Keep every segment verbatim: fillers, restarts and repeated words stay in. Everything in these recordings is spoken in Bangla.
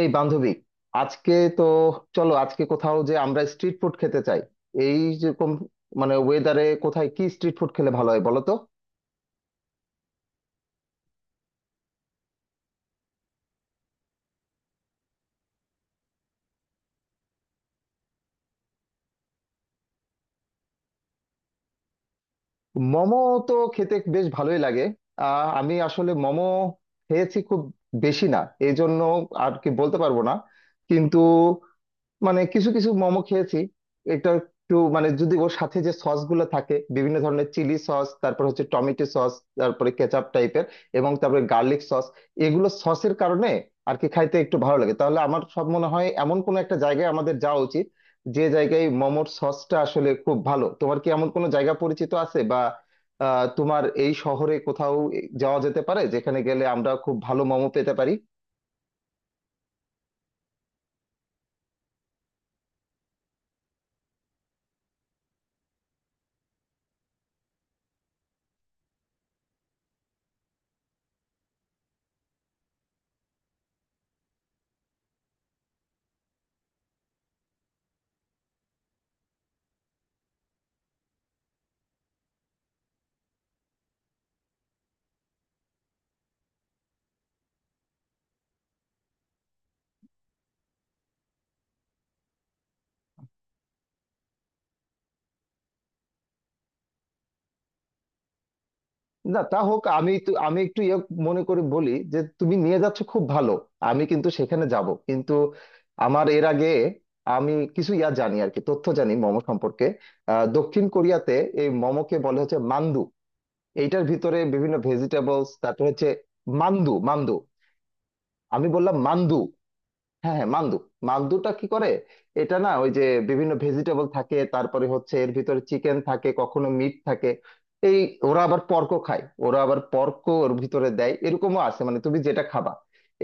এই বান্ধবী, আজকে তো চলো আজকে কোথাও যে আমরা স্ট্রিট ফুড খেতে চাই। এই যেরকম, মানে ওয়েদারে কোথায় কি স্ট্রিট ফুড খেলে ভালো হয় বলো তো। মোমো তো খেতে বেশ ভালোই লাগে। আহ আমি আসলে মোমো খেয়েছি খুব বেশি না, এই জন্য আর কি বলতে পারবো না। কিন্তু মানে কিছু কিছু মোমো খেয়েছি। এটা একটু মানে যদি ওর সাথে যে সস গুলো থাকে, বিভিন্ন ধরনের চিলি সস, তারপর হচ্ছে টমেটো সস, তারপরে কেচাপ টাইপের, এবং তারপরে গার্লিক সস, এগুলো সসের কারণে আর কি খাইতে একটু ভালো লাগে। তাহলে আমার সব মনে হয় এমন কোনো একটা জায়গায় আমাদের যাওয়া উচিত যে জায়গায় মোমোর সসটা আসলে খুব ভালো। তোমার কি এমন কোনো জায়গা পরিচিত আছে বা আহ, তোমার এই শহরে কোথাও যাওয়া যেতে পারে যেখানে গেলে আমরা খুব ভালো মোমো পেতে পারি? না তা হোক, আমি তো আমি একটু ইয়ে মনে করে বলি যে তুমি নিয়ে যাচ্ছ, খুব ভালো। আমি কিন্তু সেখানে যাব, কিন্তু আমার এর আগে আমি কিছু ইয়া জানি আর কি, তথ্য জানি মোমো সম্পর্কে। আহ, দক্ষিণ কোরিয়াতে এই মোমোকে বলে হচ্ছে মান্দু। এইটার ভিতরে বিভিন্ন ভেজিটেবলস তারপর হচ্ছে মান্দু। মান্দু আমি বললাম, মান্দু। হ্যাঁ হ্যাঁ, মান্দু। মান্দুটা কি করে, এটা না ওই যে বিভিন্ন ভেজিটেবল থাকে, তারপরে হচ্ছে এর ভিতরে চিকেন থাকে, কখনো মিট থাকে। এই, ওরা আবার পর্ক খায়, ওরা আবার পর্ক ওর ভিতরে দেয়, এরকমও আছে মানে তুমি যেটা খাবা।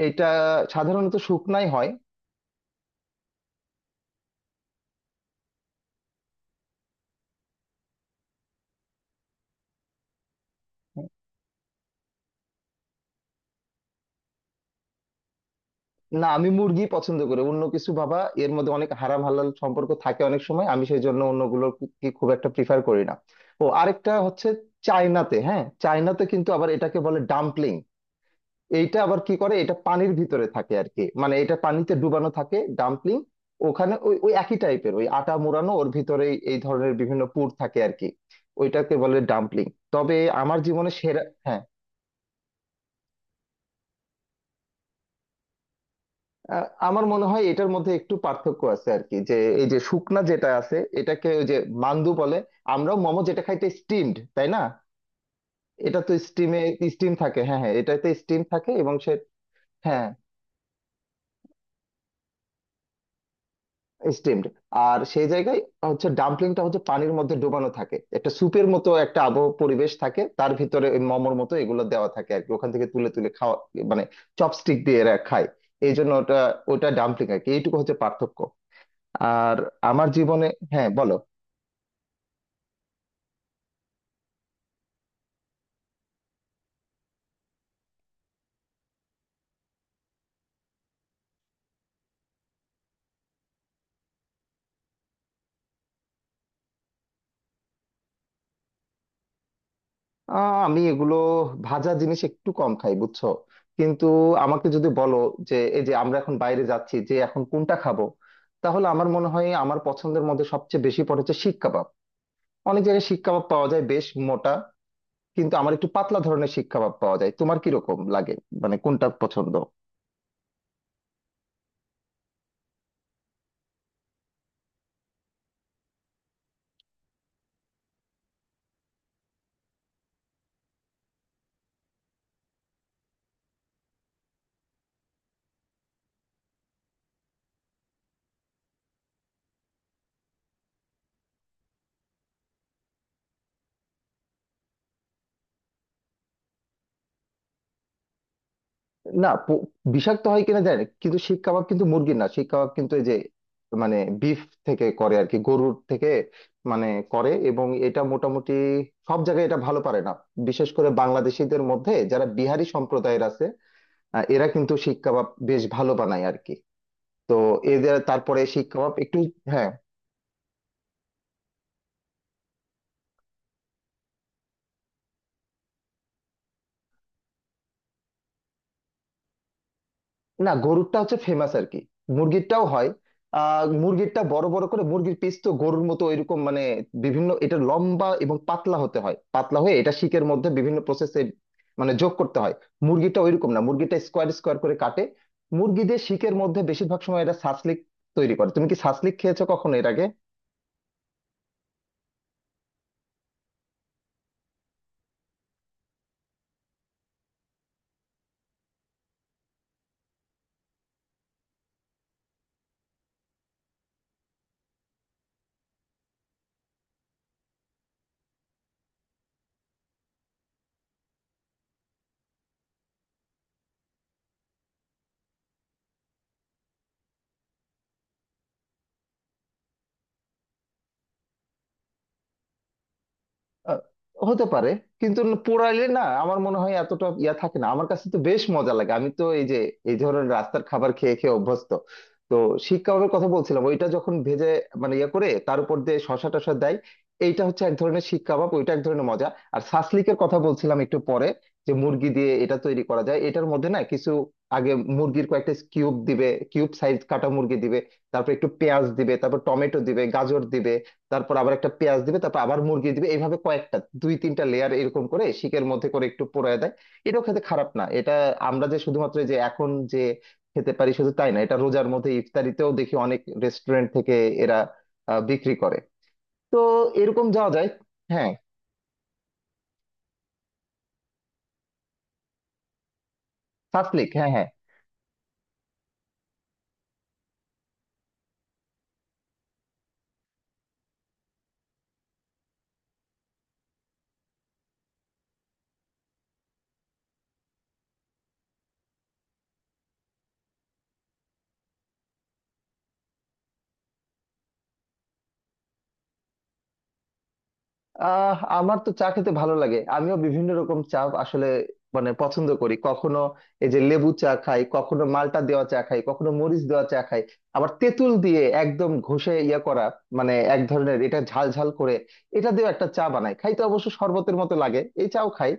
এটা সাধারণত শুকনাই হয়। না, আমি মুরগি পছন্দ করি অন্য কিছু বাবা এর মধ্যে অনেক হারাম হালাল সম্পর্ক থাকে অনেক সময়, আমি সেই জন্য অন্যগুলোর কি খুব একটা প্রিফার করি না। ও আরেকটা হচ্ছে চায়নাতে, হ্যাঁ চায়নাতে কিন্তু আবার এটাকে বলে ডাম্পলিং। এইটা আবার কি করে, এটা পানির ভিতরে থাকে আর কি, মানে এটা পানিতে ডুবানো থাকে ডাম্পলিং। ওখানে ওই ওই একই টাইপের ওই আটা মোড়ানো ওর ভিতরে এই ধরনের বিভিন্ন পুর থাকে আর কি, ওইটাকে বলে ডাম্পলিং। তবে আমার জীবনে সেরা। হ্যাঁ, আ- আমার মনে হয় এটার মধ্যে একটু পার্থক্য আছে আর কি, যে এই যে শুকনা যেটা আছে এটাকে ওই যে মান্দু বলে। আমরাও মোমো যেটা খাইতে স্টিমড, তাই না? এটা তো স্টিমে, স্টিম থাকে, হ্যাঁ হ্যাঁ এটাতে স্টিম থাকে এবং সে হ্যাঁ, স্টিমড। আর সেই জায়গায় হচ্ছে ডাম্পলিংটা হচ্ছে পানির মধ্যে ডোবানো থাকে, একটা স্যুপের মতো একটা আবহ পরিবেশ থাকে, তার ভিতরে ওই মোমোর মতো এগুলো দেওয়া থাকে আর কি, ওখান থেকে তুলে তুলে খাওয়া, মানে চপস্টিক দিয়ে এরা খায়। এই জন্য ওটা, ওটা ডাম্পলিং আর কি, এইটুকু হচ্ছে পার্থক্য। আর আমার জীবনে, হ্যাঁ বলো। আহ, আমি এগুলো ভাজা জিনিস একটু কম খাই, বুঝছো? কিন্তু আমাকে যদি বলো যে এই যে আমরা এখন বাইরে যাচ্ছি, যে এখন কোনটা খাবো, তাহলে আমার মনে হয় আমার পছন্দের মধ্যে সবচেয়ে বেশি পড়েছে শিক কাবাব। অনেক জায়গায় শিক কাবাব পাওয়া যায় বেশ মোটা, কিন্তু আমার একটু পাতলা ধরনের শিক কাবাব পাওয়া যায়। তোমার কি রকম লাগে, মানে কোনটা পছন্দ? না প- বিষাক্ত হয় কিনা জানি না, কিন্তু শিক কাবাব কিন্তু মুরগির না, শিক কাবাব কিন্তু এই যে মানে বিফ থেকে করে আর কি, গরুর থেকে মানে করে, এবং এটা মোটামুটি সব জায়গায় এটা ভালো পারে না। বিশেষ করে বাংলাদেশিদের মধ্যে যারা বিহারি সম্প্রদায়ের আছে, আহ, এরা কিন্তু শিক কাবাব বেশ ভালো বানায় আর কি। তো এদের তারপরে শিক কাবাব একটু। হ্যাঁ, না গরুরটা হচ্ছে ফেমাস আর কি, মুরগিরটাও হয়। আহ মুরগিরটা বড় বড় করে মুরগির পিস তো গরুর মতো, এরকম মানে বিভিন্ন এটা লম্বা এবং পাতলা হতে হয়, পাতলা হয়ে এটা শিকের মধ্যে বিভিন্ন প্রসেসে মানে যোগ করতে হয়। মুরগিটা ওইরকম না, মুরগিটা স্কোয়ার স্কোয়ার করে কাটে। মুরগিদের শিকের মধ্যে বেশিরভাগ সময় এটা সাসলিক তৈরি করে। তুমি কি সাসলিক খেয়েছো কখনো এর আগে? আহ, হতে পারে। কিন্তু পোড়াইলে না আমার মনে হয় এতটা ইয়া থাকে না, আমার কাছে তো বেশ মজা লাগে। আমি তো এই যে এই ধরনের রাস্তার কাবার খেয়ে খেয়ে অভ্যস্ত। তো শিক কাবাবের কথা বলছিলাম, ওইটা যখন ভেজে মানে ইয়া করে, তার উপর দিয়ে শসা টসা দেয়, এইটা হচ্ছে এক ধরনের শিক কাবাব, ওইটা এক ধরনের মজা। আর সাসলিকের কথা বলছিলাম একটু পরে, যে মুরগি দিয়ে এটা তৈরি করা যায়। এটার মধ্যে না কিছু আগে মুরগির কয়েকটা কিউব দিবে, কিউব সাইজ কাটা মুরগি দিবে, তারপর একটু পেঁয়াজ দিবে, তারপর টমেটো দিবে, গাজর দিবে, তারপর আবার একটা পেঁয়াজ দিবে, তারপর আবার মুরগি দিবে, এইভাবে কয়েকটা দুই তিনটা লেয়ার এরকম করে শিকের মধ্যে করে একটু পোড়ায় দেয়। এটাও খেতে খারাপ না। এটা আমরা যে শুধুমাত্র এই যে এখন যে খেতে পারি শুধু তাই না, এটা রোজার মধ্যে ইফতারিতেও দেখি অনেক রেস্টুরেন্ট থেকে এরা আহ, বিক্রি করে। তো এরকম যাওয়া যায়। হ্যাঁ সাসলিক, হ্যাঁ হ্যাঁ। আহ আমার তো চা খেতে ভালো লাগে, আমিও বিভিন্ন রকম চা আসলে মানে পছন্দ করি। কখনো এই যে লেবু চা খাই, কখনো মালটা দেওয়া চা খাই, কখনো মরিচ দেওয়া চা খাই। আবার তেঁতুল দিয়ে একদম ঘষে ইয়া করা, মানে এক ধরনের এটা ঝাল ঝাল করে এটা দিয়ে একটা চা বানাই, খাইতে অবশ্য শরবতের মতো লাগে, এই চাও খাই।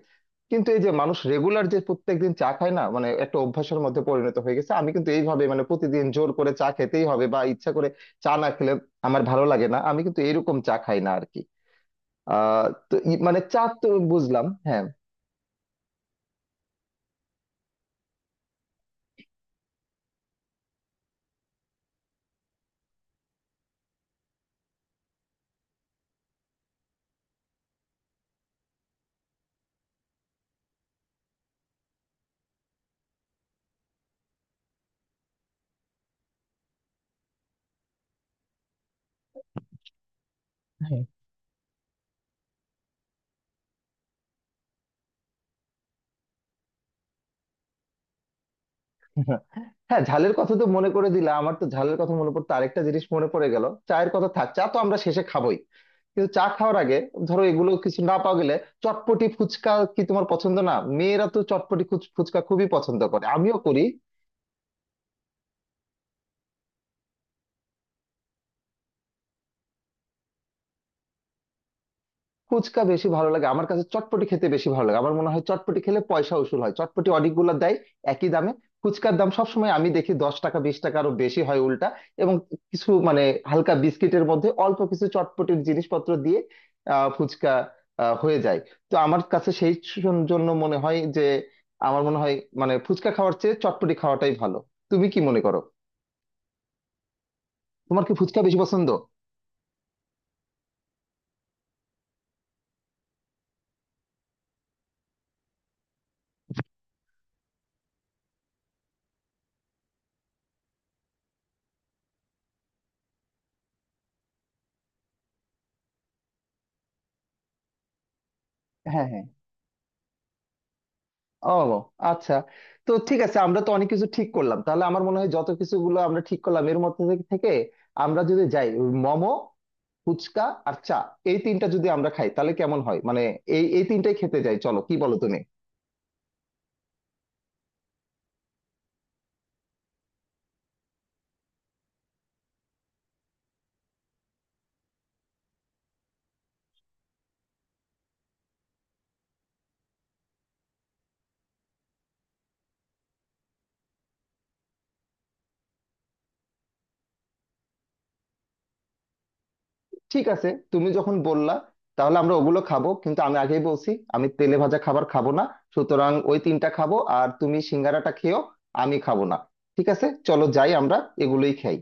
কিন্তু এই যে মানুষ রেগুলার যে প্রত্যেকদিন চা খায় না মানে একটা অভ্যাসের মধ্যে পরিণত হয়ে গেছে, আমি কিন্তু এইভাবে মানে প্রতিদিন জোর করে চা খেতেই হবে বা ইচ্ছা করে চা না খেলে আমার ভালো লাগে না, আমি কিন্তু এরকম চা খাই না আর কি। আহ তো ই- মানে চাঁদ তো বুঝলাম, হ্যাঁ। হ্যাঁ, ঝালের কথা তো মনে করে দিলা, আমার তো ঝালের কথা মনে পড়তো আরেকটা জিনিস মনে পড়ে গেল চায়ের কথা। থাক, চা তো আমরা শেষে খাবোই, কিন্তু চা খাওয়ার আগে ধরো এগুলো কিছু না পাওয়া গেলে চটপটি ফুচকা কি তোমার পছন্দ না? মেয়েরা তো চটপটি ফুচ- ফুচকা খুবই পছন্দ করে, আমিও করি। ফুচকা বেশি ভালো লাগে, আমার কাছে চটপটি খেতে বেশি ভালো লাগে। আমার মনে হয় চটপটি খেলে পয়সা উসুল হয়, চটপটি অনেকগুলো দেয় একই দামে। ফুচকার দাম সবসময় আমি দেখি দশ টাকা, বিশ টাকা, আরো বেশি হয় উল্টা। এবং কিছু মানে হালকা বিস্কিটের মধ্যে অল্প কিছু চটপটির জিনিসপত্র দিয়ে আহ ফুচকা আহ, হয়ে যায়। তো আমার কাছে সেই জন্য মনে হয় যে আমার মনে হয় মানে ফুচকা খাওয়ার চেয়ে চটপটি খাওয়াটাই ভালো। তুমি কি মনে করো, তোমার কি ফুচকা বেশি পছন্দ? হ্যাঁ হ্যাঁ। ও আচ্ছা। তো ঠিক আছে, আমরা তো অনেক কিছু ঠিক করলাম। তাহলে আমার মনে হয় যত কিছুগুলো আমরা ঠিক করলাম এর মধ্যে থেকে থেকে আমরা যদি যাই ওই মোমো, ফুচকা আর চা, এই তিনটা যদি আমরা খাই তাহলে কেমন হয়, মানে এই এই তিনটাই খেতে যাই, চলো, কি বলো তুমি? ঠিক আছে, তুমি যখন বললা তাহলে আমরা ওগুলো খাবো, কিন্তু আমি আগেই বলছি আমি তেলে ভাজা খাবার খাবো না। সুতরাং ওই তিনটা খাবো, আর তুমি সিঙ্গারাটা খেয়েও আমি খাবো না। ঠিক আছে, চলো যাই আমরা, এগুলোই খাই।